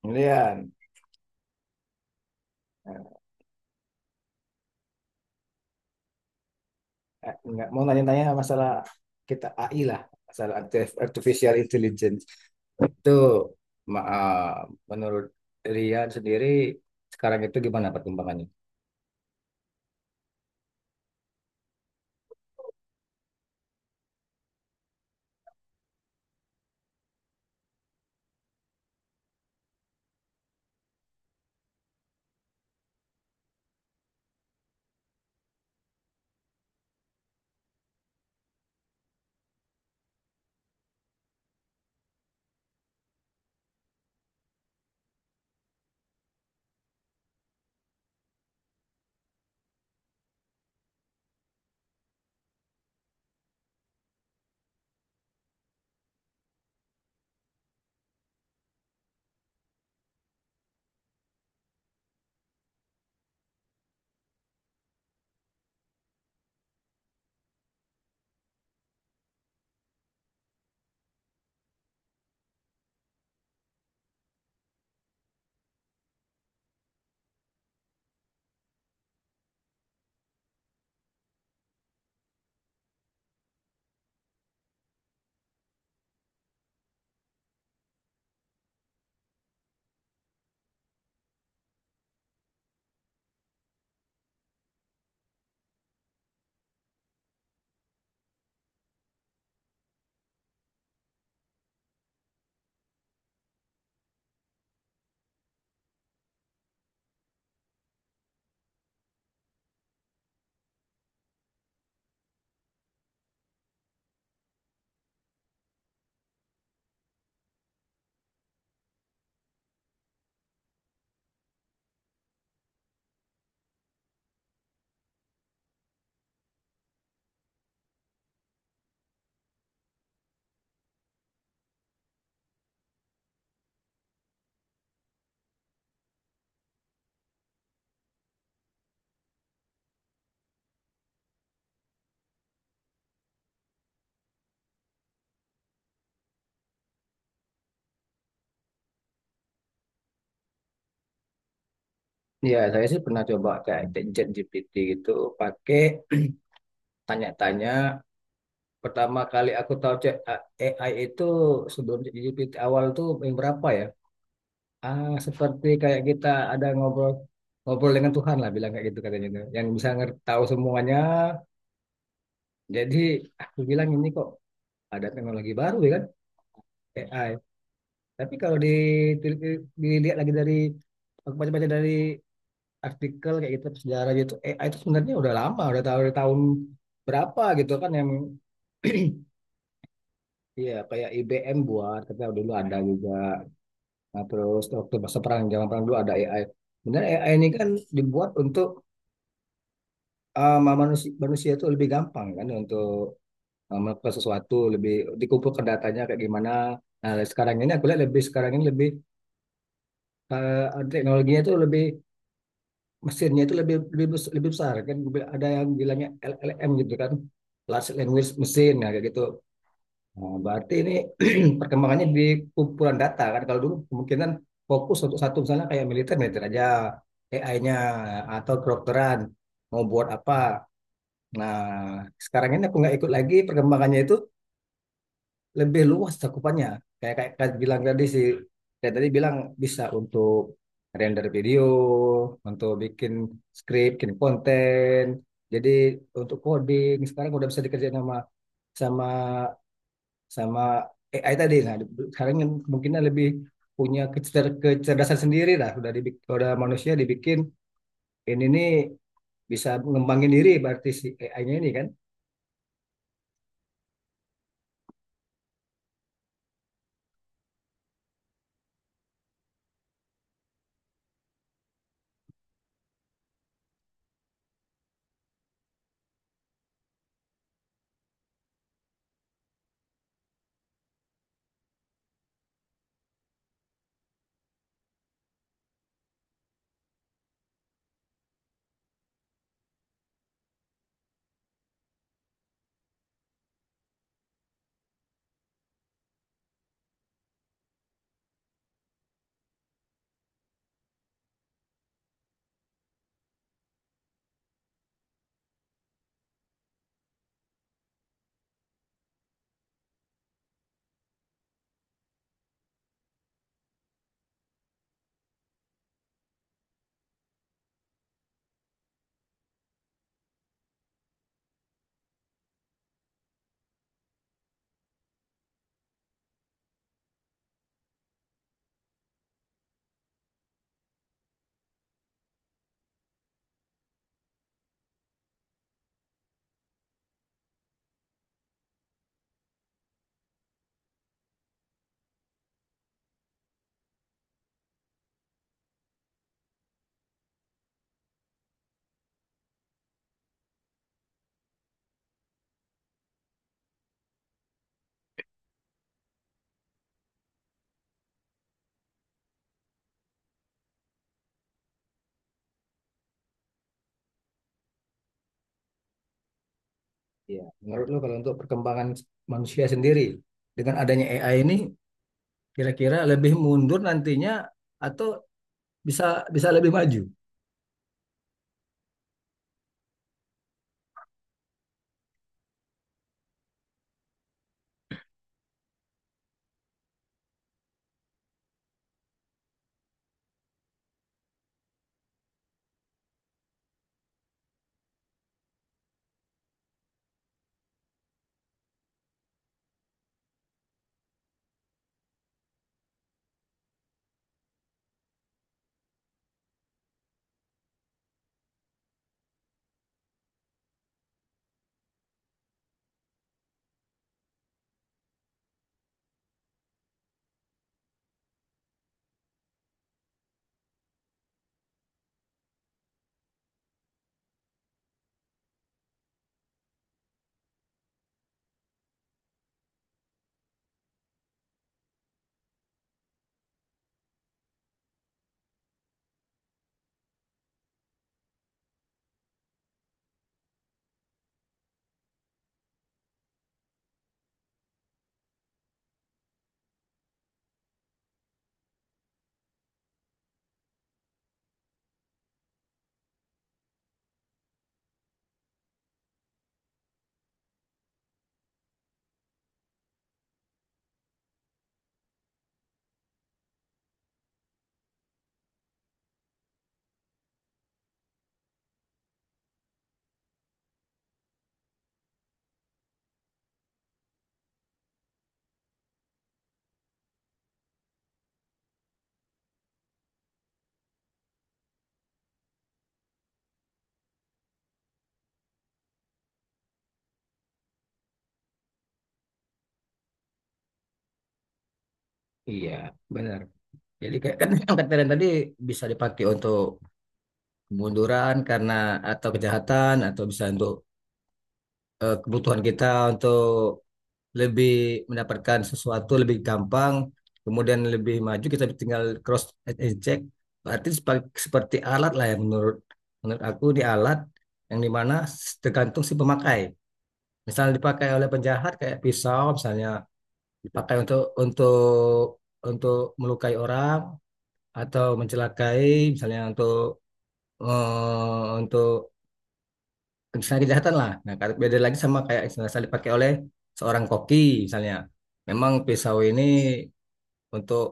Kemudian, nggak mau nanya-nanya masalah kita AI lah, masalah artificial intelligence. Itu ma- eh, menurut Rian sendiri sekarang itu gimana perkembangannya? Ya, saya sih pernah coba kayak chat GPT gitu, pakai tanya-tanya. Pertama kali aku tahu chat AI itu sebelum GPT awal tuh yang berapa ya? Ah, seperti kayak kita ada ngobrol ngobrol dengan Tuhan lah bilang kayak gitu katanya itu. Yang bisa ngerti tahu semuanya. Jadi aku bilang ini kok ada teknologi baru ya kan, AI. Tapi kalau dilihat lagi dari aku baca-baca dari artikel kayak gitu sejarah gitu, AI itu sebenarnya udah lama, udah tahu dari tahun berapa gitu kan yang iya, kayak IBM buat, kita dulu ada juga. Nah, terus waktu masa perang, zaman perang dulu ada AI. Benar AI ini kan dibuat untuk, manusia, manusia itu lebih gampang kan untuk, ke sesuatu lebih dikumpulkan datanya kayak gimana. Nah, sekarang ini aku lihat lebih, sekarang ini lebih teknologinya itu lebih, mesinnya itu lebih lebih lebih besar kan, ada yang bilangnya LLM gitu kan, large language machine ya kayak gitu. Nah, berarti ini perkembangannya di kumpulan data kan, kalau dulu kemungkinan fokus untuk satu misalnya kayak militer militer aja AI-nya, atau kedokteran mau buat apa. Nah, sekarang ini aku nggak ikut lagi perkembangannya itu, lebih luas cakupannya. Kayak kayak, kayak bilang tadi sih, kayak tadi bilang bisa untuk render video, untuk bikin script, bikin konten. Jadi untuk coding sekarang udah bisa dikerjain sama sama sama AI tadi. Nah, sekarang yang kemungkinan lebih punya kecerdasan sendiri lah. Udah dibikin, udah manusia dibikin ini nih, bisa mengembangin diri berarti si AI-nya ini kan. Iya, menurut lo kalau untuk perkembangan manusia sendiri dengan adanya AI ini, kira-kira lebih mundur nantinya, atau bisa bisa lebih maju? Iya, benar. Jadi kayak kan yang kata Rian tadi, bisa dipakai untuk kemunduran karena atau kejahatan, atau bisa untuk kebutuhan kita untuk lebih mendapatkan sesuatu lebih gampang, kemudian lebih maju kita tinggal cross and check. Berarti seperti alat lah ya, menurut menurut aku di alat yang dimana tergantung si pemakai. Misalnya dipakai oleh penjahat kayak pisau, misalnya dipakai untuk untuk melukai orang atau mencelakai, misalnya untuk, untuk misalnya kejahatan lah. Nah, beda lagi sama kayak istilah dipakai oleh seorang koki misalnya. Memang pisau ini untuk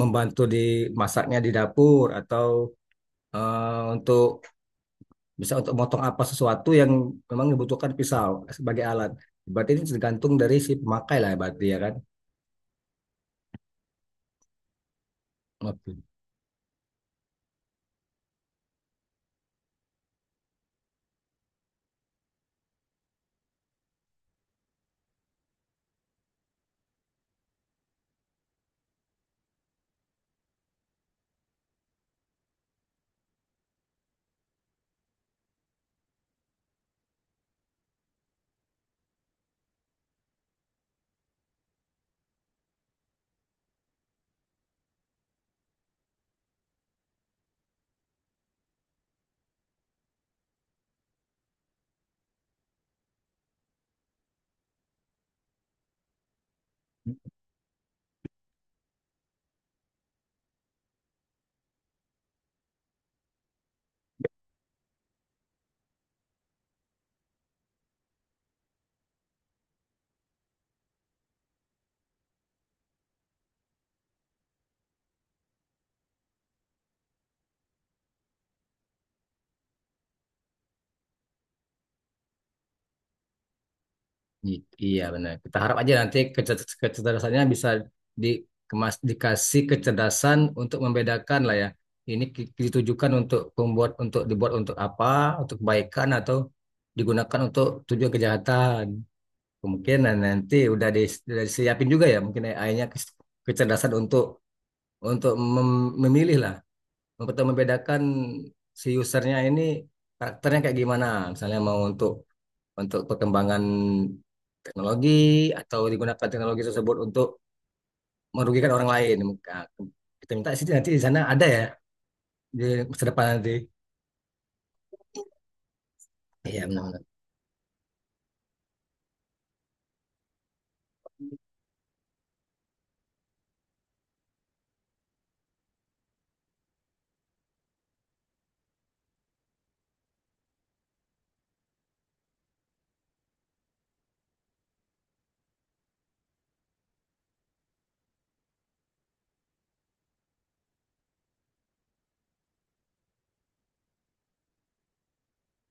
membantu di masaknya di dapur, atau untuk bisa untuk motong apa sesuatu yang memang dibutuhkan pisau sebagai alat. Berarti ini tergantung dari si pemakai lah berarti ya kan. Oke. Iya benar. Kita harap aja nanti kecerdasannya bisa dikemas dikasih kecerdasan untuk membedakan lah ya. Ini ditujukan untuk pembuat untuk dibuat untuk apa, untuk kebaikan atau digunakan untuk tujuan kejahatan. Kemungkinan nanti udah disiapin juga ya mungkin AI-nya kecerdasan untuk memilih lah, untuk membedakan si usernya ini karakternya kayak gimana. Misalnya mau untuk perkembangan teknologi, atau digunakan teknologi tersebut untuk merugikan orang lain. Maka kita minta sih nanti di sana ada ya, di masa depan nanti. Iya benar-benar.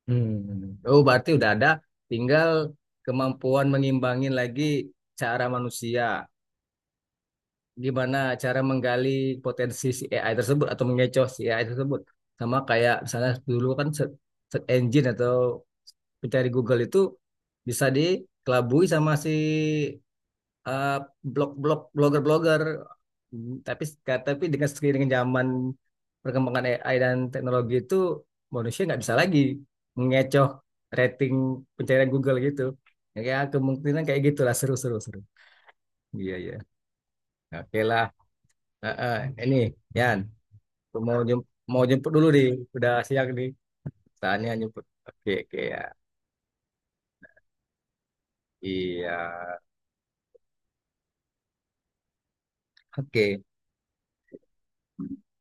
Hmm. Oh berarti udah ada, tinggal kemampuan mengimbangin lagi cara manusia. Gimana cara menggali potensi si AI tersebut atau mengecoh si AI tersebut. Sama kayak misalnya dulu kan search, engine atau pencari Google itu bisa dikelabui sama si eh, blog-blog, blogger-blogger, tapi tapi dengan seiring dengan zaman perkembangan AI dan teknologi itu manusia nggak bisa lagi mengecoh rating pencarian Google gitu. Ya kemungkinan kayak gitulah, seru. Iya iya. Oke lah. Heeh. Ini Yan mau mau jemput dulu nih. Udah siang nih. Tanya jemput. Oke oke ya. Iya. Oke.